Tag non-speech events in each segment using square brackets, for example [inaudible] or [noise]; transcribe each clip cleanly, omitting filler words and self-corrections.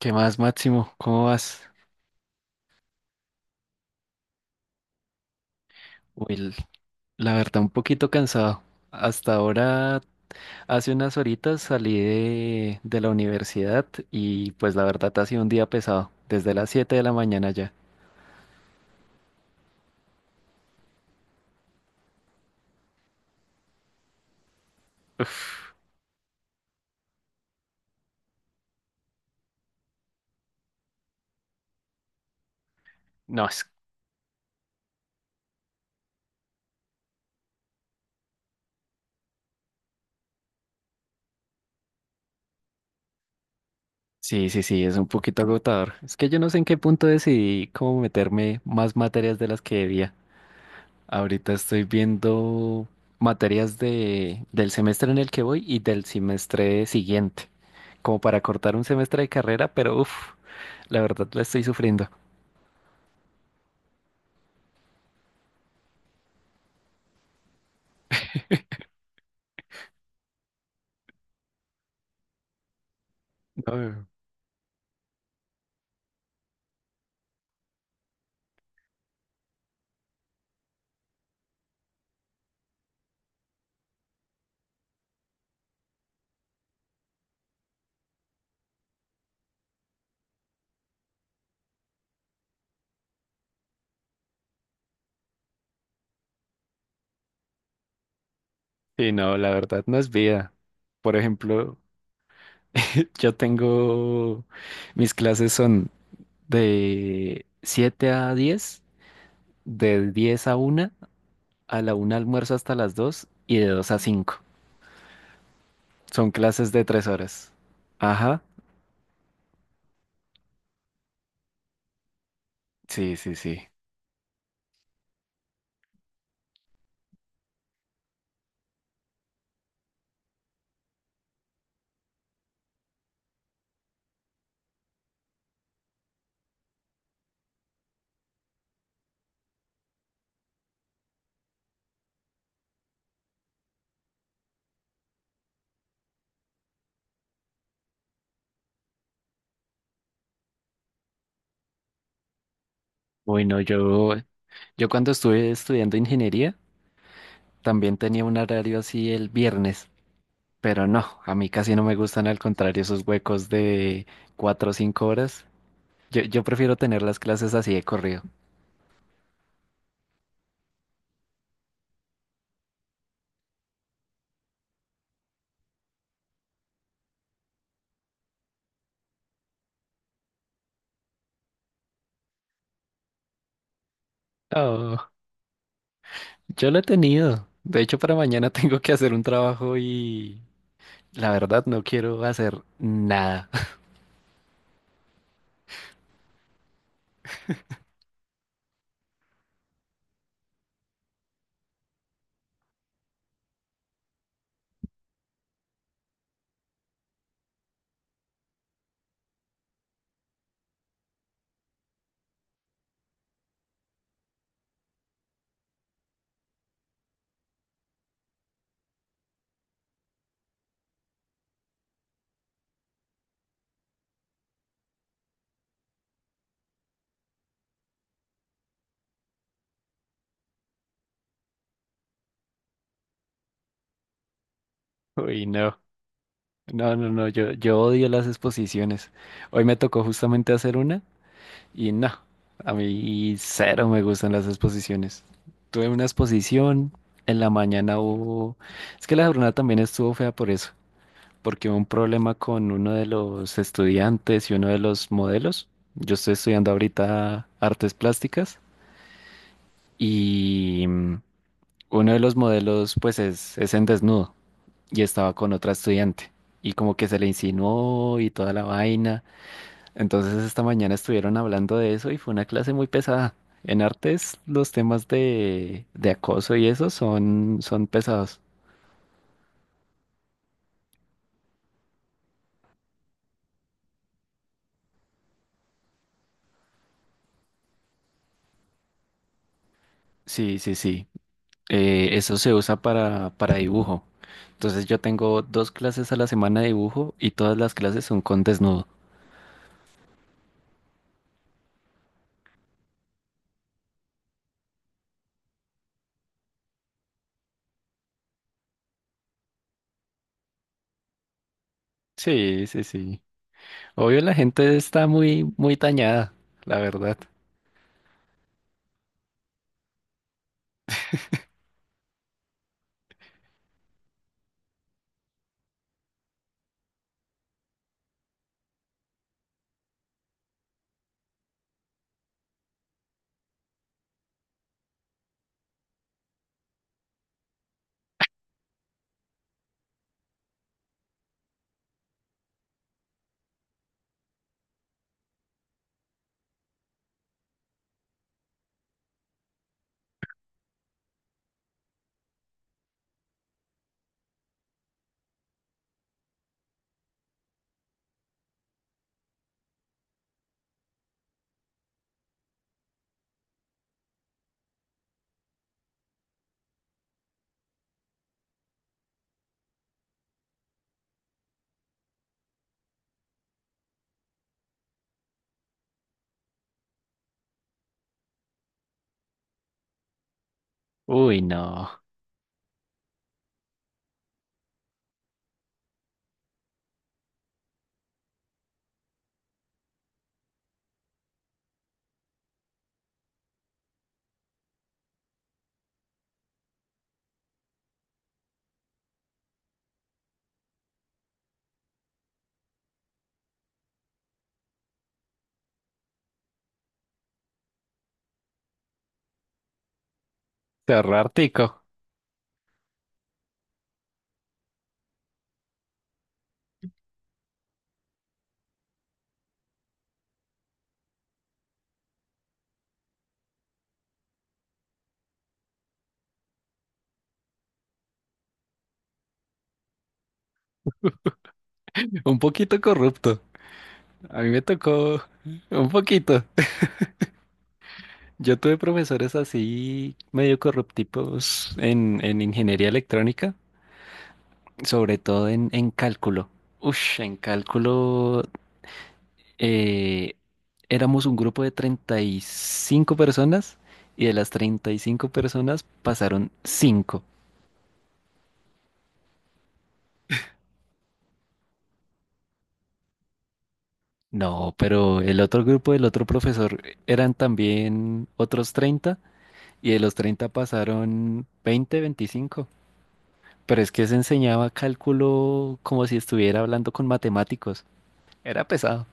¿Qué más, Máximo? ¿Cómo vas? Uy, la verdad, un poquito cansado. Hasta ahora, hace unas horitas salí de la universidad y pues la verdad ha sido un día pesado, desde las 7 de la mañana ya. Uf, no, sí, sí, sí, es un poquito agotador. Es que yo no sé en qué punto decidí cómo meterme más materias de las que debía. Ahorita estoy viendo materias del semestre en el que voy y del semestre siguiente, como para cortar un semestre de carrera, pero uff, la verdad la estoy sufriendo. No, sí, no, la verdad no es vida. Por ejemplo, [laughs] yo tengo, mis clases son de 7 a 10, de 10 a 1, a la 1 almuerzo hasta las 2 y de 2 a 5. Son clases de 3 horas. Ajá, sí, sí, sí. Bueno, yo cuando estuve estudiando ingeniería también tenía un horario así el viernes, pero no, a mí casi no me gustan, al contrario, esos huecos de 4 o 5 horas. Yo prefiero tener las clases así de corrido. Oh, yo lo he tenido. De hecho, para mañana [laughs] tengo que hacer un trabajo y la verdad no quiero hacer nada. [laughs] Uy, no. No, no, no, yo odio las exposiciones. Hoy me tocó justamente hacer una. Y no, a mí cero me gustan las exposiciones. Tuve una exposición, en la mañana hubo. Es que la jornada también estuvo fea por eso, porque hubo un problema con uno de los estudiantes y uno de los modelos. Yo estoy estudiando ahorita artes plásticas y uno de los modelos pues es en desnudo y estaba con otra estudiante y como que se le insinuó y toda la vaina. Entonces esta mañana estuvieron hablando de eso y fue una clase muy pesada. En artes los temas de acoso y eso son pesados. Sí, sí, sí. Eso se usa para dibujo. Entonces yo tengo dos clases a la semana de dibujo y todas las clases son con desnudo. Sí, sí, sí. Obvio la gente está muy, muy dañada, la verdad. Uy, no. Terror tico. Un poquito corrupto. A mí me tocó un poquito. Yo tuve profesores así medio corruptivos en ingeniería electrónica, sobre todo en cálculo. Ush, en cálculo eh, éramos un grupo de 35 personas y de las 35 personas pasaron 5. No, pero el otro grupo del otro profesor eran también otros 30 y de los 30 pasaron 20, 25. Pero es que se enseñaba cálculo como si estuviera hablando con matemáticos. Era pesado.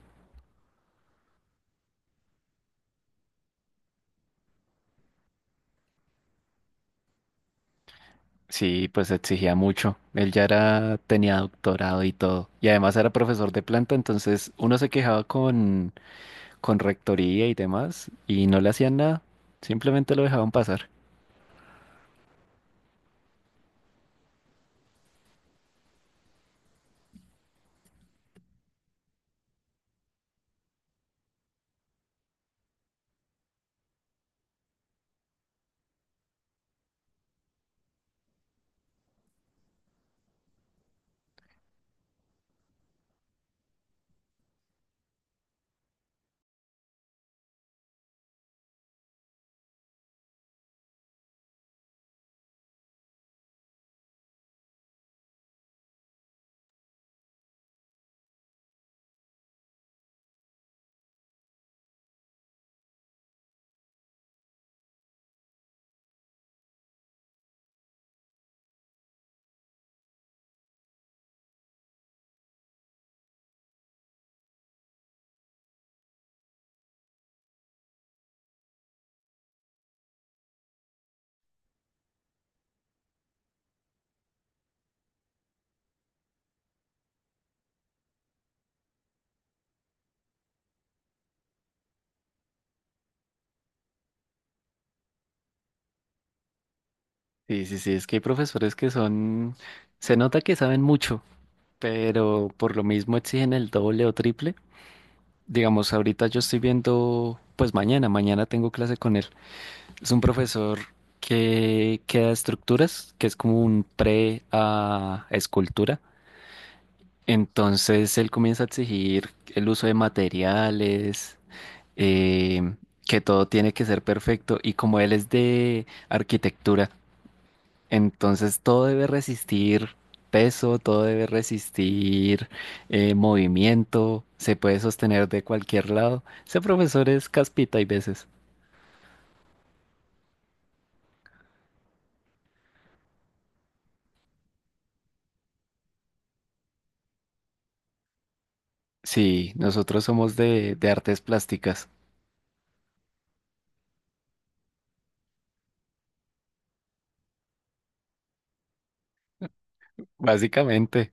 Sí, pues exigía mucho. Él tenía doctorado y todo. Y además era profesor de planta, entonces uno se quejaba con rectoría y demás, y no le hacían nada. Simplemente lo dejaban pasar. Sí, sí, sí, es que hay profesores se nota que saben mucho, pero por lo mismo exigen el doble o triple. Digamos, ahorita yo estoy viendo, pues mañana tengo clase con él. Es un profesor que da estructuras, que es como un pre a escultura. Entonces él comienza a exigir el uso de materiales, eh, que todo tiene que ser perfecto. Y como él es de arquitectura, entonces todo debe resistir peso, todo debe resistir movimiento, se puede sostener de cualquier lado. Ese profesor es caspita hay veces. Sí, nosotros somos de artes plásticas. Básicamente,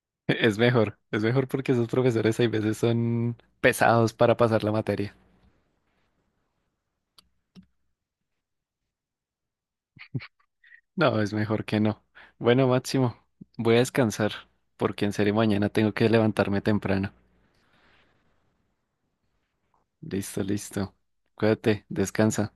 [laughs] es mejor porque esos profesores hay veces son pesados para pasar la materia. No, es mejor que no. Bueno, Máximo, voy a descansar porque en serio mañana tengo que levantarme temprano. Listo, listo. Cuídate, descansa.